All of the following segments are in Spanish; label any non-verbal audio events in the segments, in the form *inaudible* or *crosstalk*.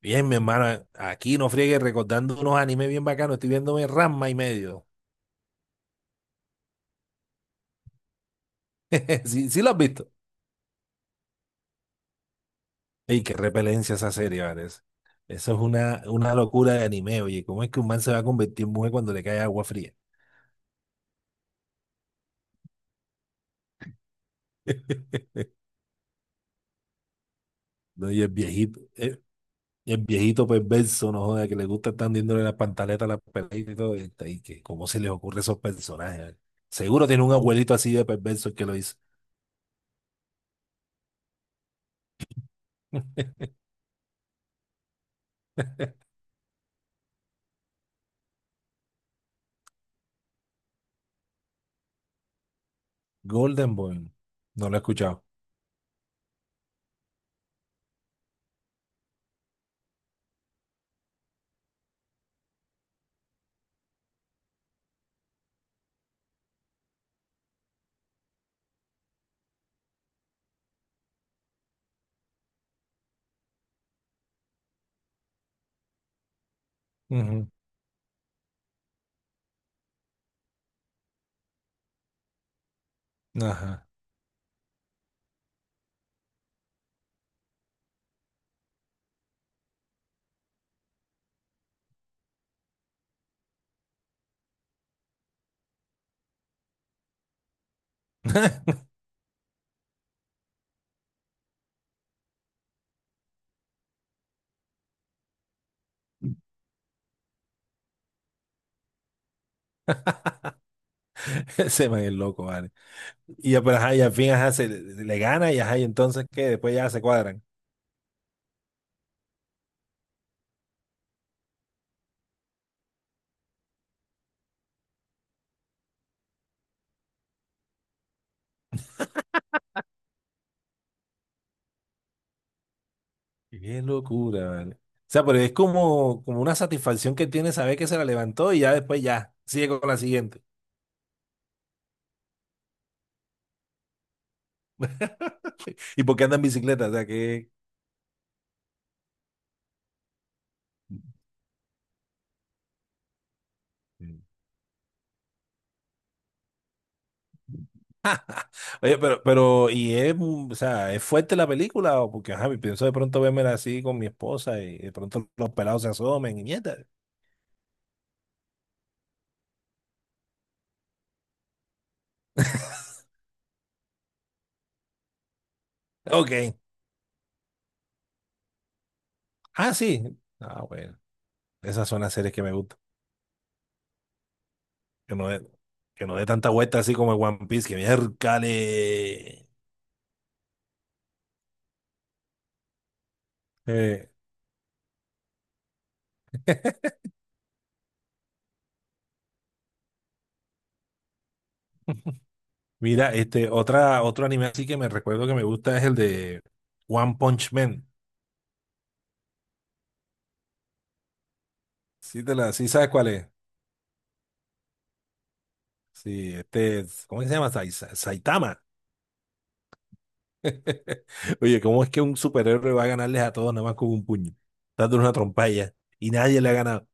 Bien, mi hermana, aquí no friegue recordando unos animes bien bacanos. Estoy viéndome Ranma y medio. *laughs* Sí, sí lo has visto. Ey, qué repelencia esa serie, parece. Eso es una locura de anime, oye. ¿Cómo es que un man se va a convertir en mujer cuando le cae agua fría? *laughs* No, y el viejito perverso, no joda, que le gusta estar dándole las pantaletas a las peladitas y todo. Y que, ¿cómo se les ocurre a esos personajes, eh? Seguro tiene un abuelito así de perverso el que lo hizo. *laughs* Golden Boy. No lo he escuchado. Ujú. Ajá. *laughs* *laughs* Ese man es loco, vale. Y ya, pero ajá, y al fin, ajá, le gana y ajá, y entonces, ¿qué? Después ya se cuadran. Qué locura, vale. O sea, pero es como, como una satisfacción que tiene saber que se la levantó y ya después ya, sigue con la siguiente. *laughs* ¿Y por qué anda en bicicleta? O sea, que... Oye, pero, y es, o sea, ¿es fuerte la película? O porque, ajá, pienso de pronto vérmela así con mi esposa y de pronto los pelados se asomen y mierda. Ok. Ah, sí. Ah, bueno. Esas son las series que me gustan. Que no dé, que no dé tanta vuelta así como el One Piece, que miércale. Eh, mira, este, otro anime así que me recuerdo que me gusta es el de One Punch Man. Sí, sí sabes cuál es. Sí, este, ¿cómo que se llama? Saitama. *laughs* Oye, ¿cómo es que un superhéroe va a ganarles a todos nada más con un puño? Dándole una trompalla. Y nadie le ha ganado.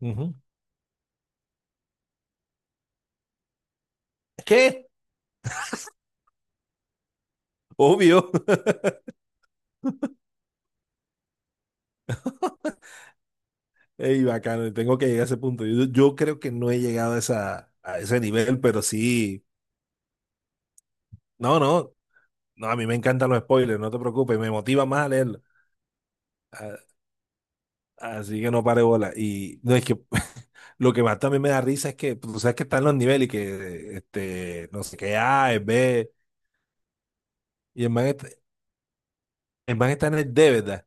Ujú. ¿Qué? Obvio. *laughs* Ey, bacano, tengo que llegar a ese punto. Yo creo que no he llegado a a ese nivel, pero sí. No, no, no, a mí me encantan los spoilers, no te preocupes, me motiva más a leerlo. A- Así que no pare bola. Y no es que *laughs* lo que más también me da risa es que pues, tú sabes que están los niveles y que este no sé qué A es B y el man está en el D, ¿verdad?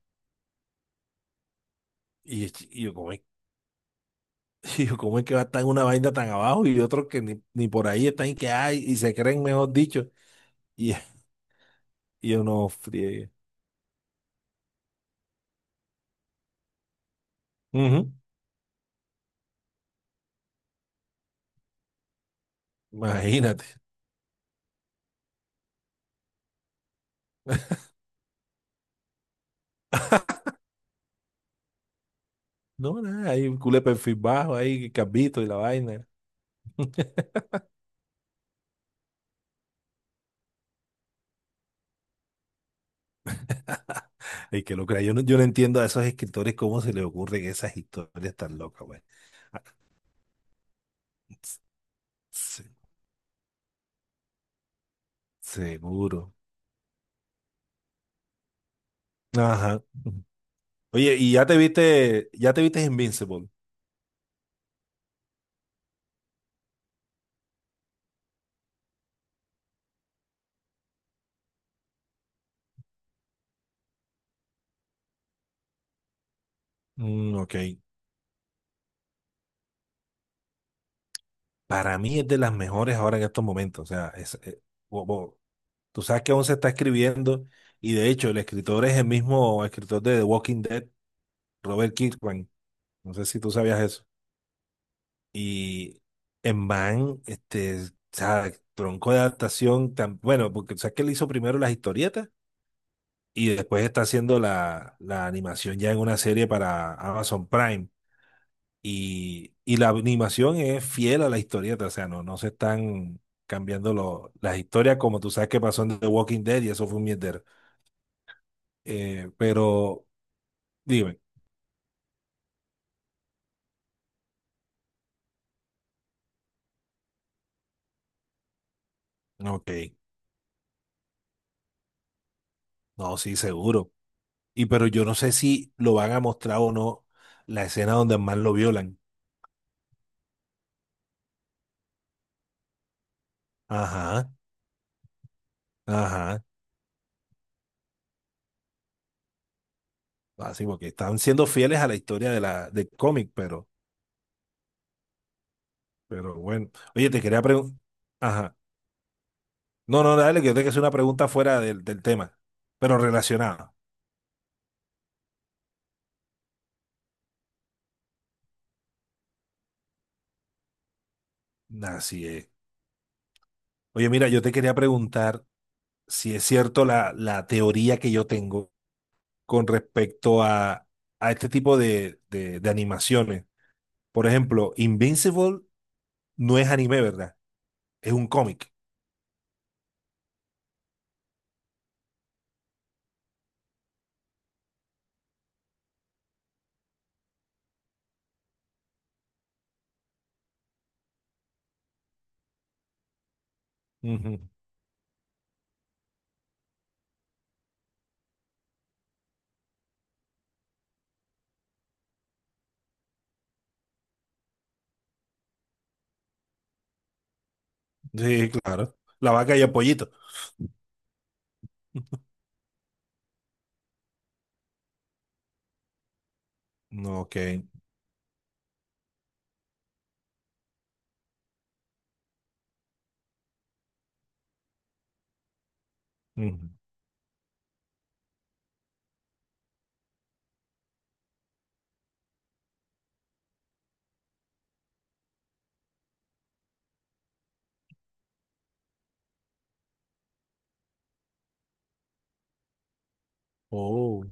Y, y yo como es, *laughs* y yo ¿cómo es que va a estar en una vaina tan abajo y otros que ni por ahí están y que hay y se creen mejor dicho y, *laughs* y uno friegue. Ujú. Imagínate. No, nada, hay un culé perfil bajo ahí, capito y la vaina. Ay, qué locura. Yo no entiendo a esos escritores cómo se les ocurren esas historias tan locas, güey. Ah, se- Seguro. Ajá. Oye, ¿ya te viste Invincible? Mm, ok. Para mí es de las mejores ahora en estos momentos. O sea, es, bo- bo- tú sabes que aún se está escribiendo y de hecho el escritor es el mismo escritor de The Walking Dead, Robert Kirkman. No sé si tú sabías eso. Y en Van, este, o sea, tronco de adaptación, tan, bueno, porque sabes que él hizo primero las historietas y después está haciendo la animación ya en una serie para Amazon Prime. Y la animación es fiel a la historieta, o sea, no se están cambiando las historias como tú sabes que pasó en The Walking Dead y eso fue un mierdero. Pero dime, ok, no, sí, seguro. Y pero yo no sé si lo van a mostrar o no la escena donde más lo violan. Ajá, ajá. Así porque están siendo fieles a la historia de del cómic, pero bueno. Oye, te quería preguntar. Ajá. No, no, dale, que yo te que hacer una pregunta fuera del tema, pero relacionada. Así es. Oye, mira, yo te quería preguntar si es cierto la teoría que yo tengo con respecto a este tipo de animaciones. Por ejemplo, Invincible no es anime, ¿verdad? Es un cómic. Ujú. Sí, claro. La vaca y el pollito. Ok. Ujú. Oh,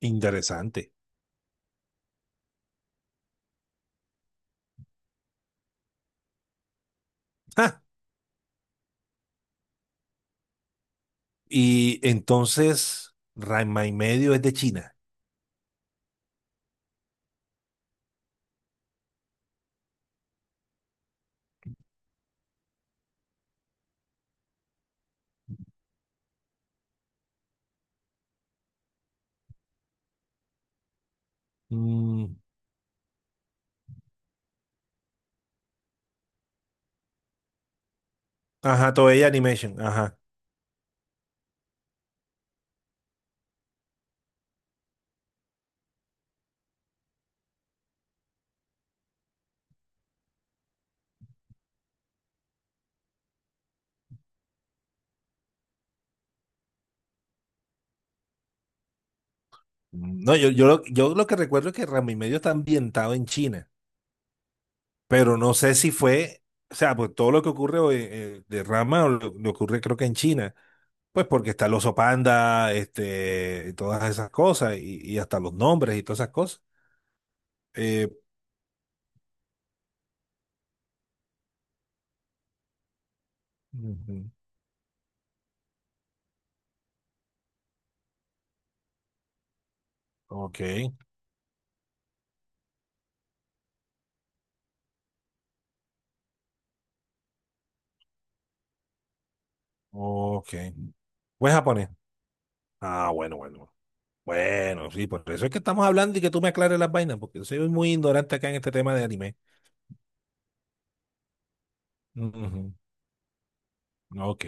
interesante. Ah, y entonces, Ranma y medio es de China. Mm, ajá, Toei Animation, ajá. Mm, no, yo lo que recuerdo es que Ranma y medio está ambientado en China, pero no sé si fue, o sea, pues todo lo que ocurre hoy, de Ranma o lo ocurre creo que en China, pues porque está el oso panda, este, y todas esas cosas, y hasta los nombres y todas esas cosas. Eh, ujú, ok, ok. Pues japonés. Ah, bueno, bueno. Bueno, sí, por eso es que estamos hablando y que tú me aclares las vainas, porque soy muy ignorante acá en este tema de anime. Ujú. Ok.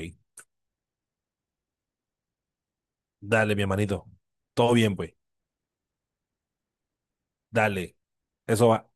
Dale, mi hermanito. Todo bien, pues. Dale. Eso va.